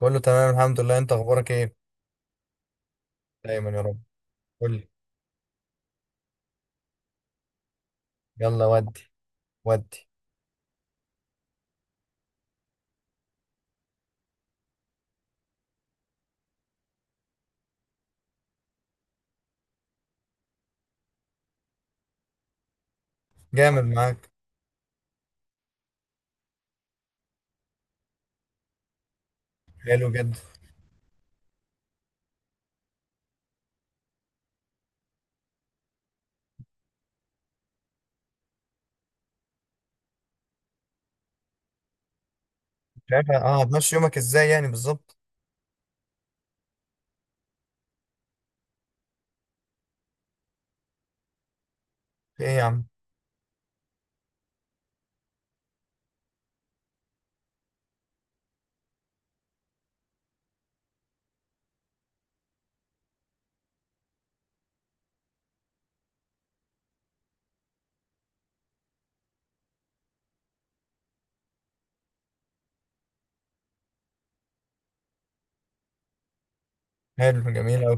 كله تمام، الحمد لله. انت اخبارك ايه؟ دايما يا رب. قول لي. يلا ودي. ودي. جامد معاك. حلو جدا. مش عارف، هتمشي يومك ازاي يعني؟ بالظبط. في ايه يا عم؟ حلو، جميل اوي.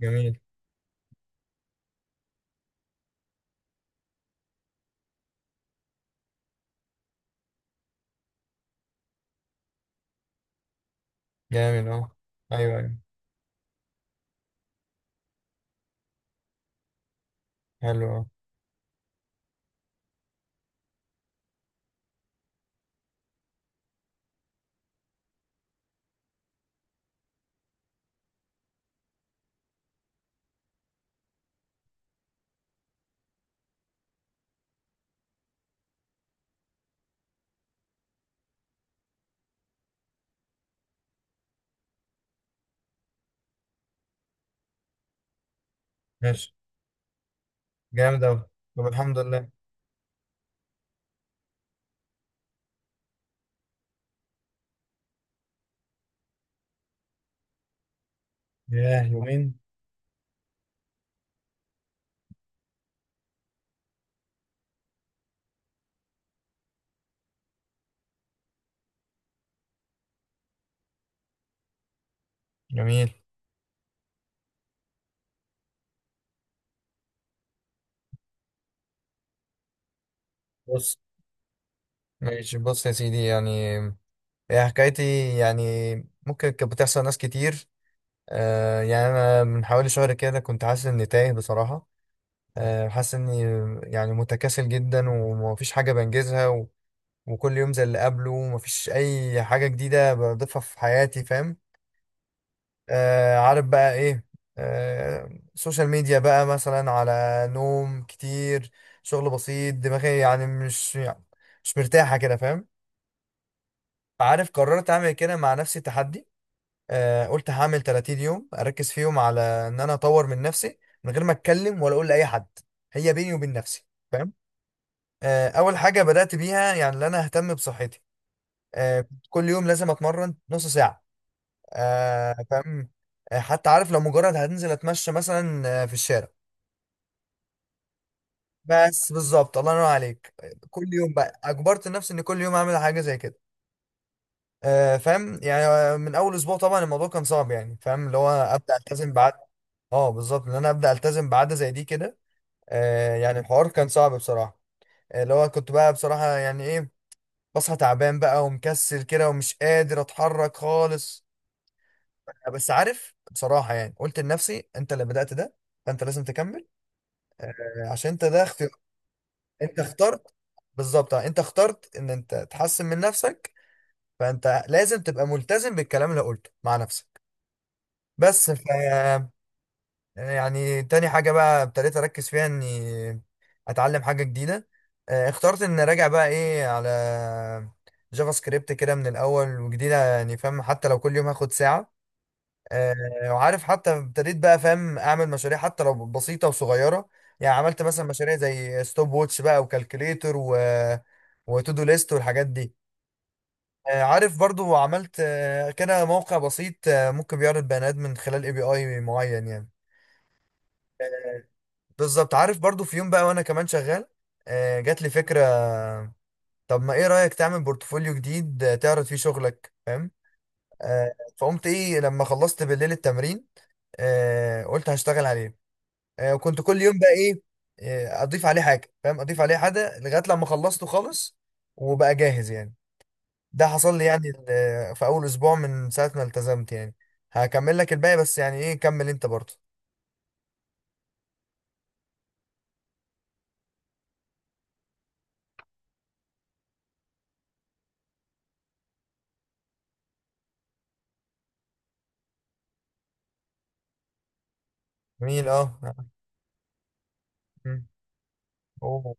جميل. جامد اهو. ايوه، ايوه. حلو اهو. ماشي. جامد اوي. طب الحمد لله. ياه، يومين؟ جميل. بص. ماشي، بص يا سيدي يعني. هي حكايتي. يعني ممكن كانت بتحصل ناس كتير. يعني انا من حوالي شهر كده كنت حاسس اني تايه، بصراحة. آه، حاسس اني يعني متكاسل جدا، ومفيش حاجة بنجزها، و... وكل يوم زي اللي قبله، ومفيش أي حاجة جديدة بضيفها في حياتي، فاهم. عارف بقى إيه؟ سوشيال ميديا بقى مثلا، على نوم كتير، شغل بسيط، دماغي يعني مش مرتاحة كده، فاهم. عارف، قررت أعمل كده مع نفسي تحدي. قلت هعمل 30 يوم أركز فيهم على إن أنا أطور من نفسي، من غير ما أتكلم ولا أقول لأي حد. هي بيني وبين نفسي، فاهم. اول حاجه بدات بيها يعني ان انا اهتم بصحتي. كنت كل يوم لازم اتمرن نص ساعه. فاهم. حتى عارف لو مجرد هنزل اتمشى مثلا في الشارع. بس بالظبط الله ينور عليك. كل يوم بقى اجبرت نفسي ان كل يوم اعمل حاجه زي كده. فاهم يعني. من اول اسبوع طبعا الموضوع كان صعب يعني، فاهم، اللي هو ابدا التزم بعد. اه بالظبط ان انا ابدا التزم بعاده زي دي كده. يعني الحوار كان صعب بصراحه. اللي هو كنت بقى، بصراحه يعني ايه، بصحى تعبان بقى ومكسل كده ومش قادر اتحرك خالص. بس عارف بصراحة، يعني قلت لنفسي انت اللي بدأت ده، فانت لازم تكمل. عشان انت ده اختيار. انت اخترت. بالظبط، انت اخترت ان انت تحسن من نفسك، فانت لازم تبقى ملتزم بالكلام اللي قلته مع نفسك. بس ف آه، يعني تاني حاجة بقى ابتديت اركز فيها اني اتعلم حاجة جديدة. اخترت ان اراجع بقى ايه على جافا سكريبت كده من الاول، وجديدة يعني فاهم، حتى لو كل يوم هاخد ساعة. آه، وعارف حتى ابتديت بقى، فاهم، اعمل مشاريع حتى لو بسيطه وصغيره. يعني عملت مثلا مشاريع زي ستوب ووتش بقى، وكالكوليتر، و وتو دو ليست والحاجات دي. عارف برضو عملت كده موقع بسيط، ممكن بيعرض بيانات من خلال API معين يعني. بالظبط عارف برضو في يوم بقى وانا كمان شغال، جات لي فكره، طب ما ايه رايك تعمل بورتفوليو جديد، تعرض فيه شغلك فاهم. فقمت ايه لما خلصت بالليل التمرين، قلت هشتغل عليه. وكنت كل يوم بقى ايه، اضيف عليه حاجه فاهم، اضيف عليه حاجه لغايه لما خلصته خالص، وبقى جاهز يعني. ده حصل لي يعني في اول اسبوع من ساعه ما التزمت يعني. هكمل لك الباقي، بس يعني ايه، كمل انت برضه. جميل. اه. مم. اوه.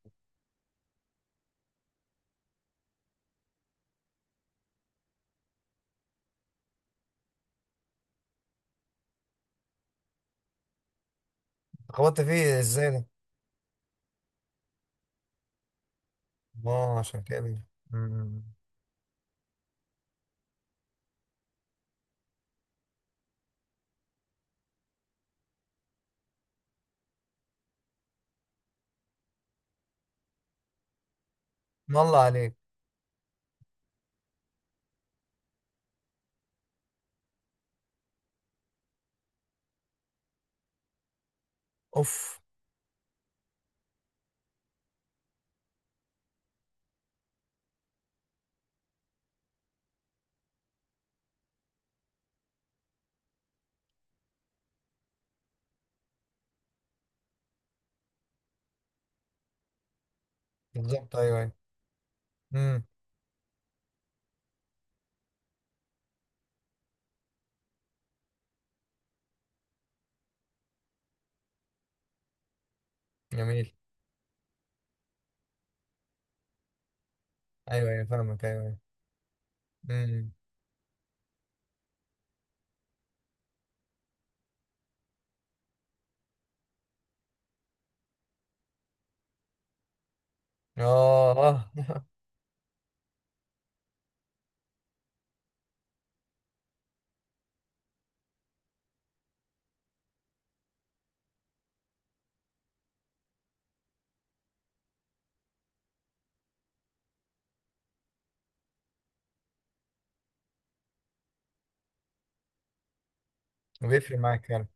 خبطت فيه ازاي ده؟ اه، عشان كده. مم. الله عليك. اوف. بالظبط. ايوه، ايوه. امم. جميل. ايوه، ايوه، فاهمك. ايوه، ايوه. امم. اه، اه. بيفرق معاك فعلا.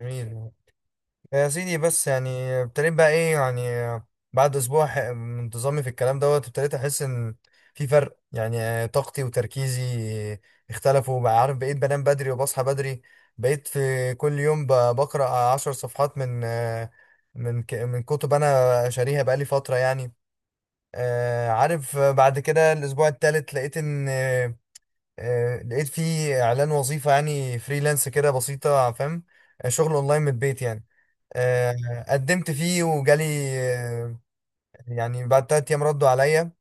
جميل. يا سيدي بس يعني، ابتديت بقى ايه يعني، بعد اسبوع من انتظامي في الكلام دوت، ابتديت احس ان في فرق، يعني طاقتي وتركيزي اختلفوا بقى، عارف بقيت بنام بدري وبصحى بدري. بقيت في كل يوم بقرأ 10 صفحات من كتب انا شاريها بقالي فترة يعني. عارف بعد كده الاسبوع التالت لقيت ان لقيت في اعلان وظيفة يعني فريلانس كده بسيطة فاهم. شغل اونلاين من البيت يعني. آه، قدمت فيه وجالي آه، يعني بعد 3 أيام ردوا عليا.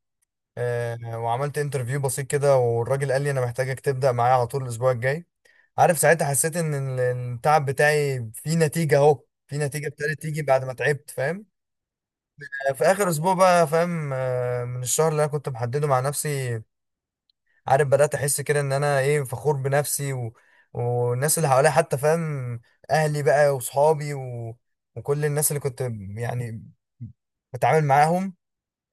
وعملت انترفيو بسيط كده، والراجل قال لي أنا محتاجك تبدأ معايا على طول الأسبوع الجاي. عارف ساعتها حسيت إن التعب بتاعي فيه نتيجة، أهو في نتيجة ابتدت تيجي بعد ما تعبت، فاهم. في آخر أسبوع بقى فاهم، من الشهر اللي أنا كنت محدده مع نفسي، عارف، بدأت أحس كده إن أنا إيه، فخور بنفسي، و... والناس اللي حواليا حتى، فاهم، أهلي بقى وصحابي و... وكل الناس اللي كنت يعني بتعامل معاهم.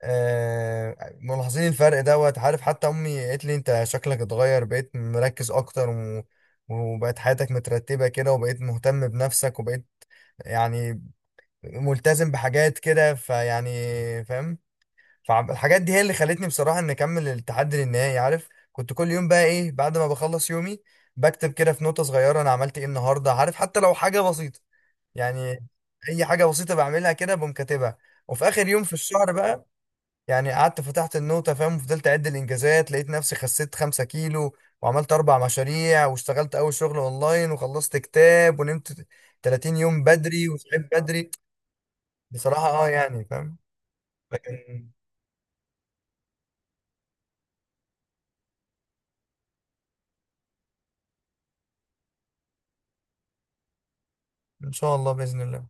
ملاحظين الفرق دوت، عارف حتى أمي قالت لي أنت شكلك اتغير، بقيت مركز أكتر، و... وبقت حياتك مترتبة كده، وبقيت مهتم بنفسك، وبقيت يعني ملتزم بحاجات كده فيعني، فاهم. فالحاجات دي هي اللي خلتني بصراحة إن أكمل التحدي للنهائي. عارف كنت كل يوم بقى إيه، بعد ما بخلص يومي، بكتب كده في نوتة صغيرة أنا عملت إيه النهاردة، عارف حتى لو حاجة بسيطة يعني. أي حاجة بسيطة بعملها كده بقوم كاتبها. وفي آخر يوم في الشهر بقى يعني، قعدت فتحت النوتة، فاهم، وفضلت أعد الإنجازات، لقيت نفسي خسيت 5 كيلو وعملت أربع مشاريع واشتغلت أول شغل أونلاين وخلصت كتاب ونمت 30 يوم بدري وصحيت بدري. بصراحة أه يعني فاهم، لكن إن شاء الله، بإذن الله.